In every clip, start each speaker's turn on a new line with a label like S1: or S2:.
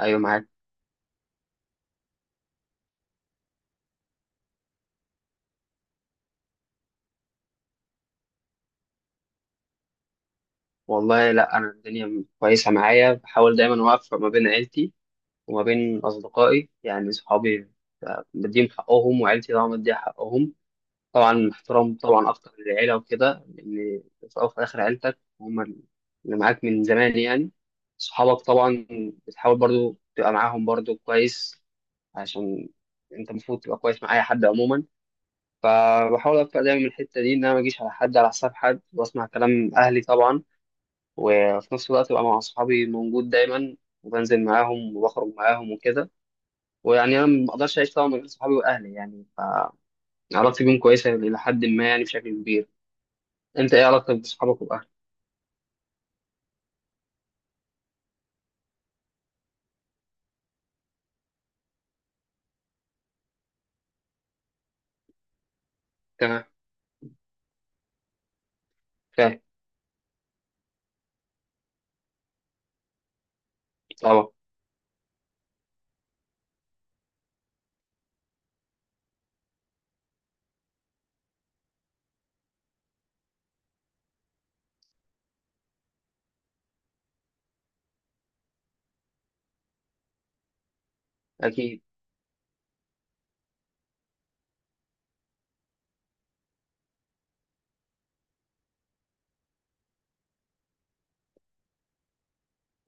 S1: ايوه، معاك. والله، لا، انا الدنيا كويسه معايا، بحاول دايما اوفق ما بين عيلتي وما بين اصدقائي، يعني صحابي. بديهم حقهم، وعيلتي طبعا بديها حقهم. طبعا احترام طبعا اكتر للعيله وكده، لان في الاول وفي الاخر عيلتك هم اللي معاك من زمان يعني. صحابك طبعا بتحاول برضو تبقى معاهم برضو كويس، عشان انت المفروض تبقى كويس مع اي حد عموما. فبحاول ابقى دايما من الحته دي ان انا ما اجيش على حد على حساب حد، واسمع كلام اهلي طبعا، وفي نفس الوقت بقى مع أصحابي موجود دايما، وبنزل معاهم وبخرج معاهم وكده. ويعني أنا ما أقدرش أعيش طبعا من غير صحابي وأهلي، يعني فعلاقتي بيهم كويسة إلى حد ما، يعني بشكل كبير. أنت إيه علاقتك بصحابك وأهلك؟ تمام. فاهم طبعا. أكيد.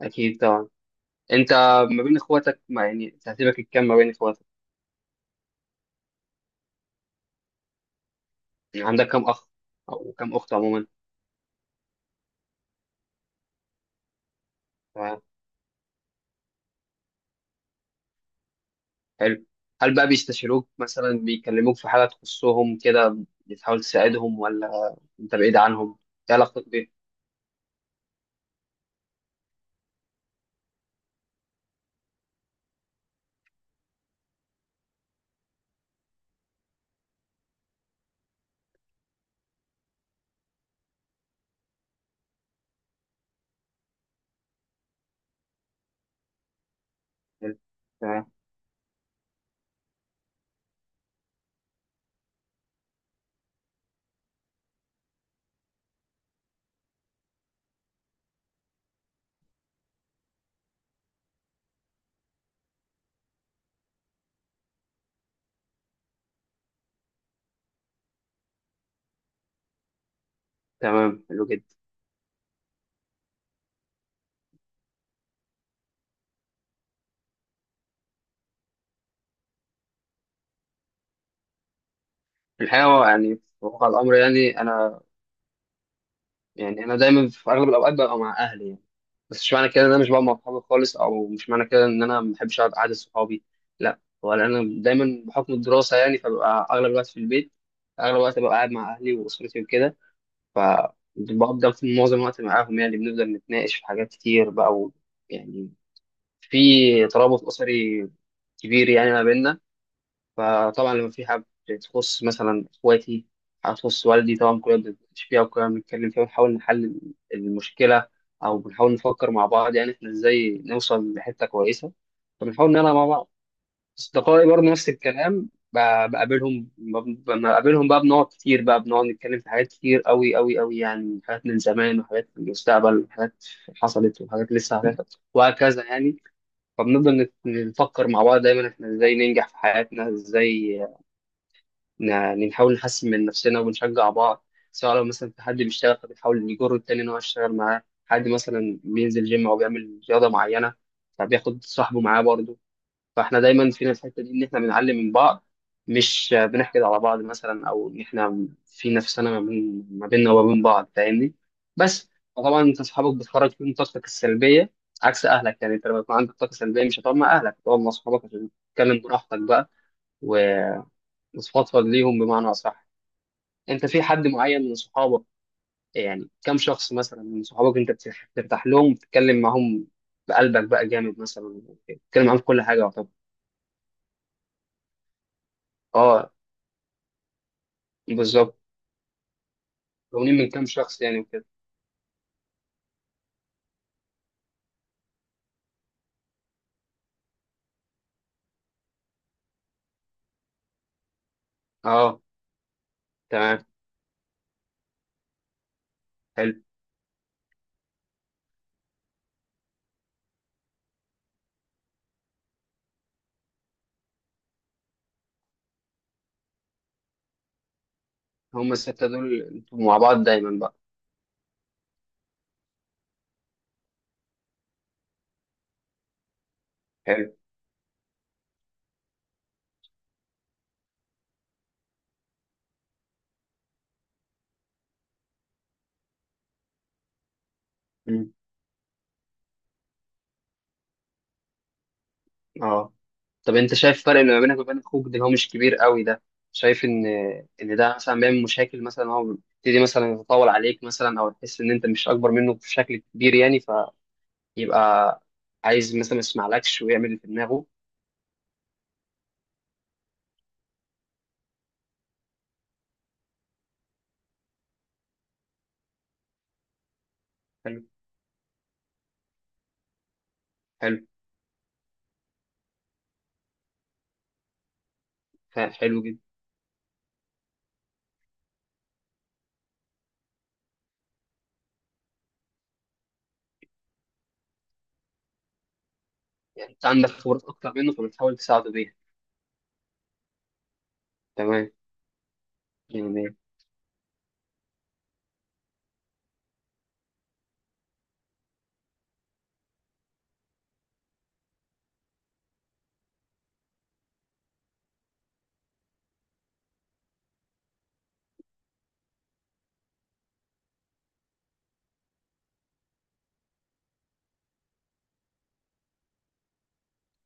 S1: أكيد طبعا. أنت ما بين إخواتك، ما يعني ترتيبك الكام ما بين إخواتك؟ يعني عندك كام أخ أو كام أخت عموما؟ تمام، حلو. هل بقى بيستشيروك مثلا، بيكلموك في حاجة تخصهم كده، بتحاول تساعدهم، ولا أنت بعيد عنهم؟ إيه علاقتك بيهم؟ حلو. تمام. تمام، حلو جدا. في الحقيقة هو، يعني في واقع الأمر، يعني أنا، يعني أنا دايما في أغلب الأوقات ببقى مع أهلي يعني. بس مش معنى كده إن أنا مش بقى مع صحابي خالص، أو مش معنى كده إن أنا ما بحبش أقعد قعدة صحابي. لا، ولا أنا دايما بحكم الدراسة يعني، فببقى أغلب الوقت في البيت. أغلب الوقت ببقى قاعد مع أهلي وأسرتي وكده. فبفضل في معظم الوقت معاهم يعني، بنفضل نتناقش في حاجات كتير بقى يعني، في ترابط أسري كبير يعني ما بيننا. فطبعا لما في حاجة تخص مثلا إخواتي، حاجة تخص والدي، طبعا كلنا بنتناقش فيها وكلنا بنتكلم فيها، ونحاول نحل المشكلة، أو بنحاول نفكر مع بعض يعني إحنا إزاي نوصل لحتة كويسة. فبنحاول نلعب مع بعض. أصدقائي برضه نفس الكلام، لما بقابلهم بقى بنقعد كتير بقى، بنقعد نتكلم في حاجات كتير أوي أوي أوي، يعني حاجات من زمان وحاجات من المستقبل وحاجات حصلت وحاجات لسه هتحصل، وهكذا يعني. فبنفضل نفكر مع بعض دايما إحنا إزاي ننجح في حياتنا، إزاي يعني نحاول نحسن من نفسنا ونشجع بعض. سواء لو مثلا في حد بيشتغل، فبنحاول نجر التاني ان هو يشتغل معاه، حد مثلا بينزل جيم او بيعمل رياضه معينه، فبياخد صاحبه معاه برضه. فاحنا دايما فينا الحته دي ان احنا بنعلم من بعض، مش بنحقد على بعض مثلا، او ان احنا في نفسنا ما بيننا وما بين بعض، فاهمني. بس طبعا انت اصحابك بتخرج فيهم طاقتك السلبيه عكس اهلك، يعني انت لما يكون عندك طاقه سلبيه مش هتقعد مع اهلك، هتقعد مع اصحابك عشان تتكلم براحتك بقى، وتفضفض ليهم بمعنى اصح. انت في حد معين من صحابك، يعني كم شخص مثلا من صحابك انت بترتاح لهم، بتتكلم معاهم بقلبك بقى جامد مثلا، بتتكلم معاهم في كل حاجه؟ طب اه، بالظبط. مكونين من كم شخص يعني وكده؟ اه، تمام، حلو. هم السته دول انتوا مع بعض دايما بقى؟ حلو. مم. اه. طب انت شايف الفرق اللي ما بينك وبين اخوك ده اللي هو مش كبير قوي ده، شايف ان ده مثلا بيعمل مشاكل مثلا، هو بيبتدي مثلا يتطاول عليك مثلا، او تحس ان انت مش اكبر منه بشكل كبير يعني، يبقى عايز مثلا ما يسمعلكش ويعمل اللي في دماغه؟ حلو. حلو. حلو جدا. يعني انت عندك خبرات اكتر منه فبتحاول تساعده بيها. تمام يعني.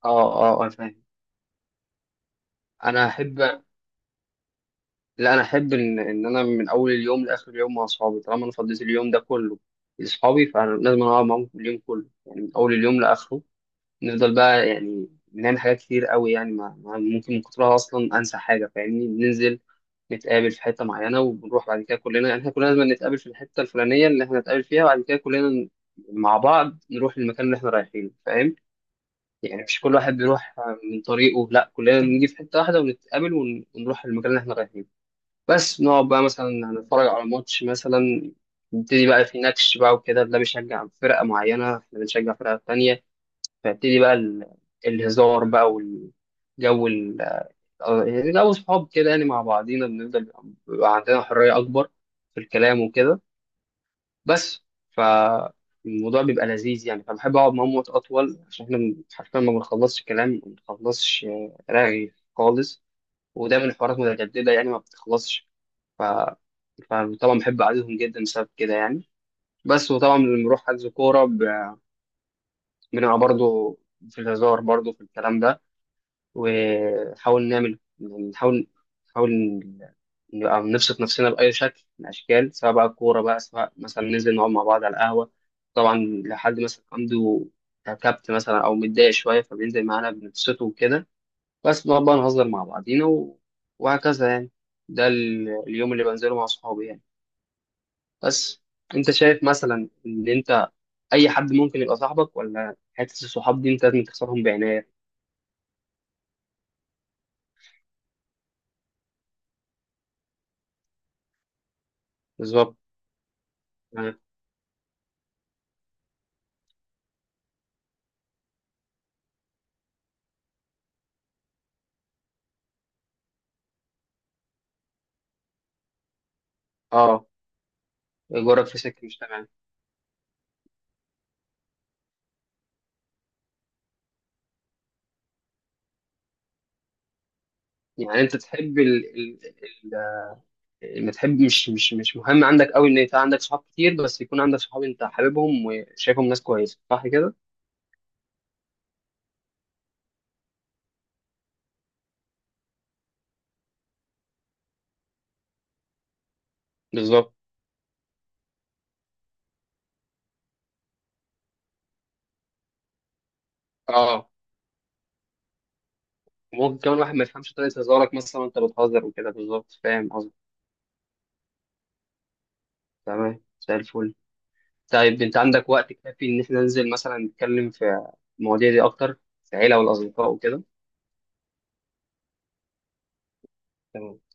S1: اه، اه، انا فاهم. انا احب، لا، انا احب ان انا من اول اليوم لاخر اليوم مع اصحابي. طالما انا فضيت اليوم ده كله لاصحابي، فانا لازم أنا اقعد معاهم اليوم كله، يعني من اول اليوم لاخره. نفضل بقى، يعني بنعمل حاجات كتير قوي، يعني ممكن من كترها اصلا انسى حاجه، فاهمني. بننزل نتقابل في حته معينه وبنروح بعد كده كلنا، يعني احنا كلنا لازم نتقابل في الحته الفلانيه اللي احنا نتقابل فيها، وبعد كده كلنا مع بعض نروح للمكان اللي احنا رايحينه، فاهم؟ يعني مش كل واحد بيروح من طريقه، لا، كلنا بنيجي في حته واحده ونتقابل ونروح للمكان اللي احنا رايحينه. بس نقعد بقى مثلا نتفرج على ماتش مثلا، نبتدي بقى في نكش بقى وكده، ده بيشجع فرقه معينه، احنا بنشجع فرقه تانيه، فيبتدي بقى الهزار بقى، والجو يعني جو صحاب كده، يعني مع بعضينا بنفضل، بيبقى عندنا حرية أكبر في الكلام وكده. بس فالموضوع بيبقى لذيذ يعني، فبحب أقعد معاهم وقت أطول، عشان إحنا حرفيا ما بنخلصش كلام، ما بنخلصش رغي خالص. ودايما الحوارات متجددة يعني ما بتخلصش. ف... فطبعا بحب قعدتهم جدا بسبب كده يعني. بس. وطبعا لما بنروح حجز كورة، بنبقى برضه في الهزار، برضه في الكلام ده، ونحاول نعمل، يعني نحاول نبقى نبسط نفسنا بأي شكل من الأشكال، سواء بقى كورة بقى، سواء مثلا ننزل نقعد مع بعض على القهوة. طبعا لو حد مثلا عنده كبت مثلا أو متضايق شوية، فبينزل معانا بنبسطه وكده. بس بنقعد بقى نهزر مع بعضينا وهكذا يعني. ده اليوم اللي بنزله مع صحابي يعني. بس. أنت شايف مثلا إن أنت أي حد ممكن يبقى صاحبك، ولا حتة الصحاب دي أنت لازم تختارهم بعناية؟ بالظبط. اه. آه. يجرك في سكة مش تمام. يعني انت تحب، ما تحب، مش مهم عندك قوي ان انت عندك صحاب كتير، بس يكون عندك صحاب انت حاببهم وشايفهم ناس كويسه، صح كده؟ بالظبط. اه، ممكن كمان واحد ما يفهمش طريقه هزارك مثلا، انت بتهزر وكده، بالظبط، فاهم قصدي. تمام، زي الفل. طيب، انت عندك وقت كافي ان احنا ننزل مثلا نتكلم في المواضيع دي اكتر، في العيله والاصدقاء وكده؟ تمام.